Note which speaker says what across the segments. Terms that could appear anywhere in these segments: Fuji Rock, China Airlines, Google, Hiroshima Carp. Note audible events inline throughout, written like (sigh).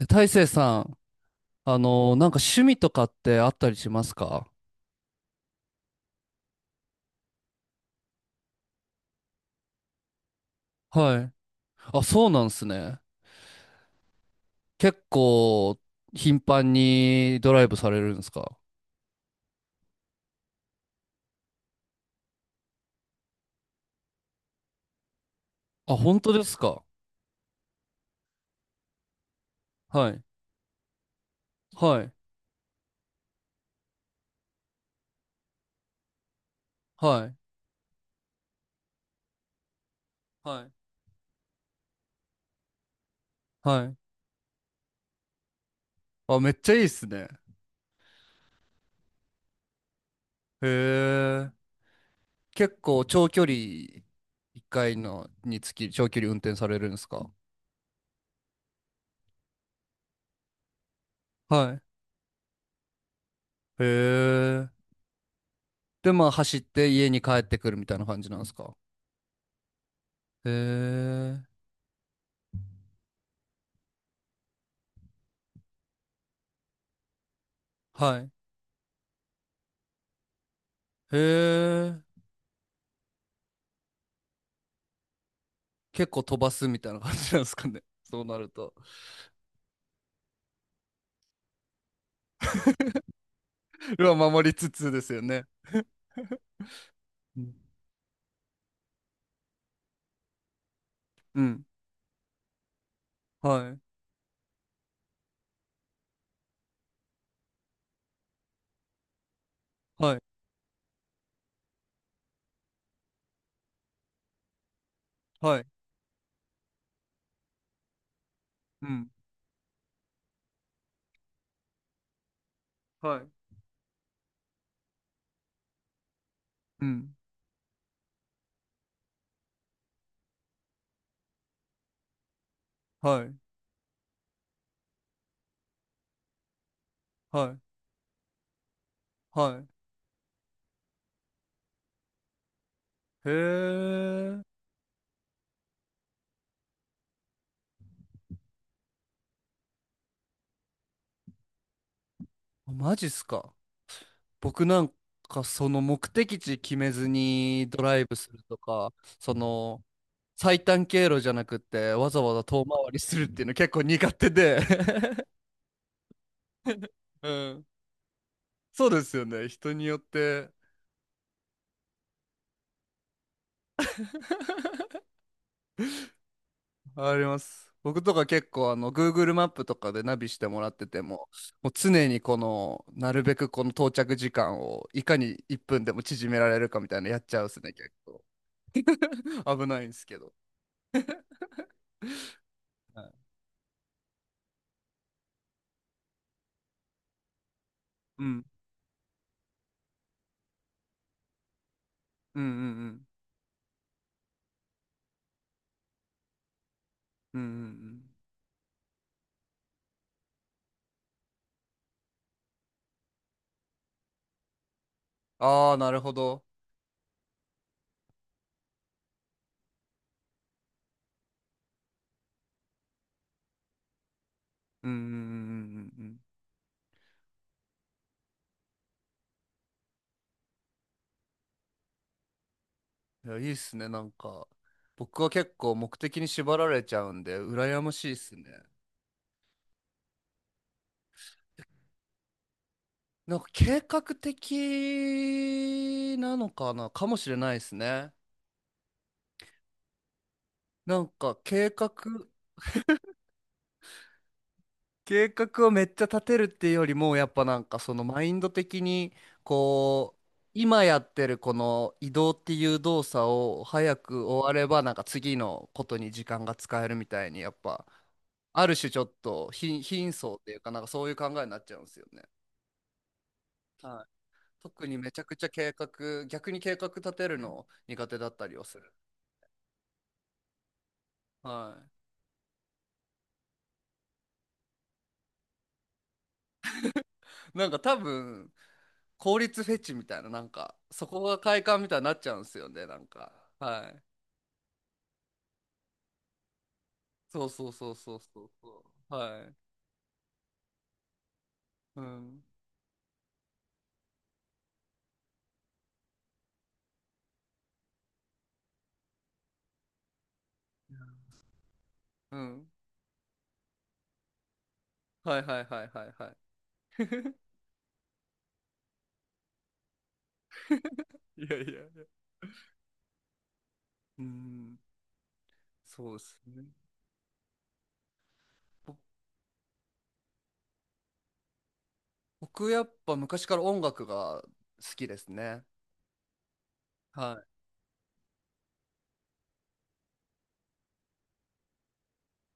Speaker 1: 大成さん、なんか趣味とかってあったりしますか？はい。あ、そうなんですね。結構、頻繁にドライブされるんですか？あ、本当ですか？はい。はい。はい。はい。はい。あ、めっちゃいいっすね。へえ。結構、長距離、一回のにつき、長距離運転されるんですか？はい。へえ。で、まあ、走って家に帰ってくるみたいな感じなんですか？へえ。はい。へえ。結構飛ばすみたいな感じなんですかね。(laughs) そうなると。ルアー守りつつですよね。うん。うん。はい。はい。はい。うん。はい。うん。はい。はい。はい。へえ。あ、マジっすか。僕なんかその目的地決めずにドライブするとか、その最短経路じゃなくってわざわざ遠回りするっていうの結構苦手で。 (laughs) うん。そうですよね。人によって。あります。僕とか結構Google マップとかでナビしてもらってても、もう常にこのなるべくこの到着時間をいかに1分でも縮められるかみたいなのやっちゃうっすね、結構。(laughs) 危ないんですけど。はい。うん。うん。うん。うん。うん。うん。うん。ああー、なるほど。うん。うん。うん。うん。うん。うん。いや、いいっすね、なんか。僕は結構目的に縛られちゃうんで、羨ましいっすね。なんか計画的なのかな、かもしれないですね。なんか計画をめっちゃ立てるっていうよりも、やっぱなんかそのマインド的に、こう、今やってるこの移動っていう動作を早く終われば、なんか次のことに時間が使えるみたいに、やっぱ、ある種ちょっと貧相っていうかなんかそういう考えになっちゃうんですよね。はい。特にめちゃくちゃ逆に計画立てるの苦手だったりをする。はい。なんか多分、効率フェチみたいな、なんか、そこが快感みたいになっちゃうんですよね、なんか。はい。そうそうそうそうそうそう。はい。うん。うん。はい、はい、はい、はい、はい。(laughs) いやいやいや。うん。そうですね。ぼ僕やっぱ昔から音楽が好きですね。はい。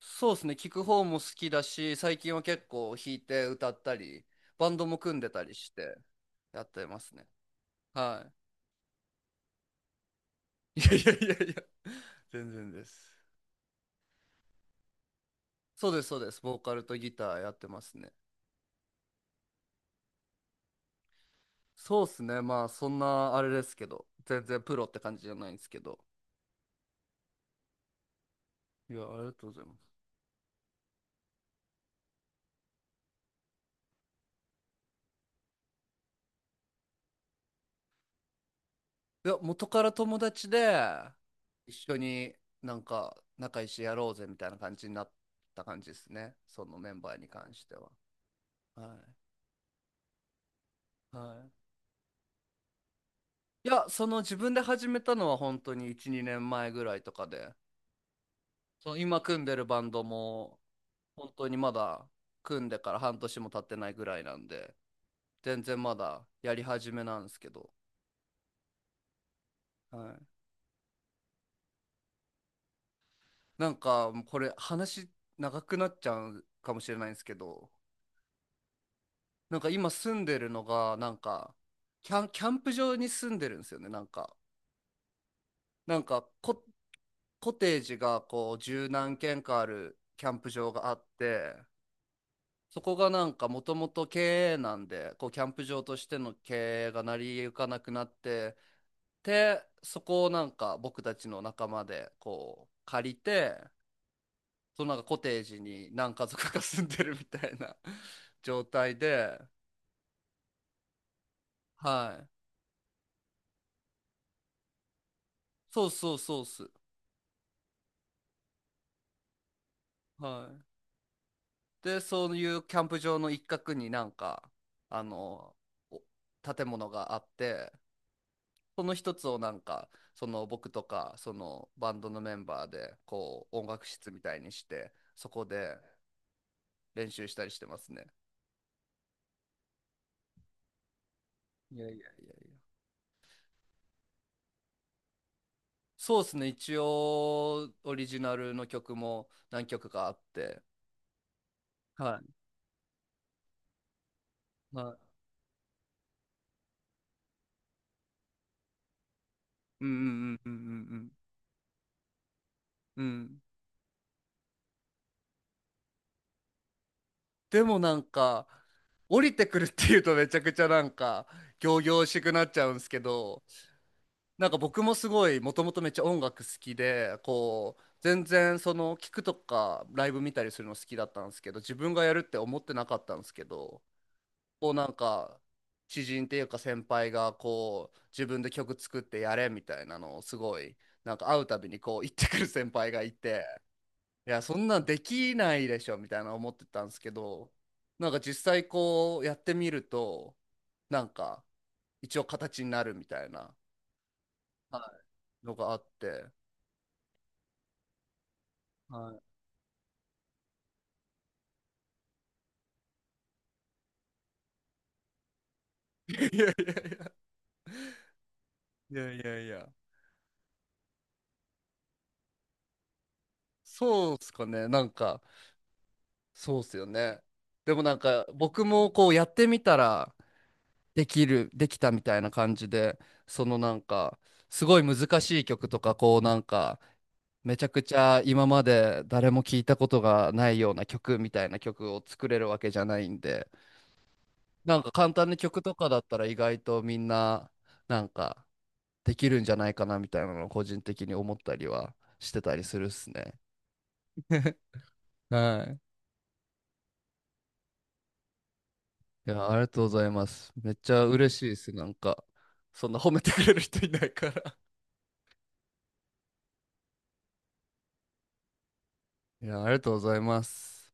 Speaker 1: そうですね。聞く方も好きだし、最近は結構弾いて歌ったり、バンドも組んでたりしてやってますね。はい。いやいやいやいや、全然です。そうです、そうです。ボーカルとギターやってますね。そうですね。まあ、そんなあれですけど、全然プロって感じじゃないんですけど。いや、ありがとうございます。いや、元から友達で、一緒になんか仲良しやろうぜみたいな感じになった感じですね。そのメンバーに関しては。はい。はい。いや、その自分で始めたのは本当に1、2年前ぐらいとかで、その今組んでるバンドも本当にまだ組んでから半年も経ってないぐらいなんで、全然まだやり始めなんですけど、はい、なんかもうこれ話長くなっちゃうかもしれないんですけど、なんか今住んでるのがなんかキャンプ場に住んでるんですよね、なんか。なんかコテージがこう十何軒かあるキャンプ場があって、そこがなんかもともと経営なんでこうキャンプ場としての経営が成り行かなくなって、でそこをなんか僕たちの仲間でこう借りて、そのなんかコテージに何家族か住んでるみたいな (laughs) 状態で、はい。そうそうそうっす。はい。で、そういうキャンプ場の一角になんか、あの、お建物があって、その一つをなんか、その僕とか、そのバンドのメンバーで、こう、音楽室みたいにして、そこで練習したりしてますね。いやいやいやいや。そうですね。一応、オリジナルの曲も何曲かあって、はい。はい。うん。うん。うん。うん。うん。うん。うん。でもなんか降りてくるっていうとめちゃくちゃなんか仰々しくなっちゃうんですけど、なんか僕もすごいもともとめっちゃ音楽好きでこう全然その聞くとかライブ見たりするの好きだったんですけど、自分がやるって思ってなかったんですけど、こうなんか知人っていうか先輩がこう自分で曲作ってやれみたいなのをすごい、なんか会うたびにこう言ってくる先輩がいて。いや、そんなんできないでしょみたいな思ってたんですけど、なんか実際こうやってみると、なんか一応形になるみたいな、はい、のがあって。はい。(laughs) いやいやいや、いやいやいや、そうっすかね、なんかそうっすよね。でもなんか僕もこうやってみたらできる、できたみたいな感じで、そのなんかすごい難しい曲とか、こうなんかめちゃくちゃ今まで誰も聞いたことがないような曲みたいな曲を作れるわけじゃないんで、なんか簡単な曲とかだったら意外とみんななんかできるんじゃないかなみたいなのを個人的に思ったりはしてたりするっすね。(laughs) はい。いや、ありがとうございます。めっちゃ嬉しいです。なんか、そんな褒めてくれる人いないから。いや、ありがとうございます。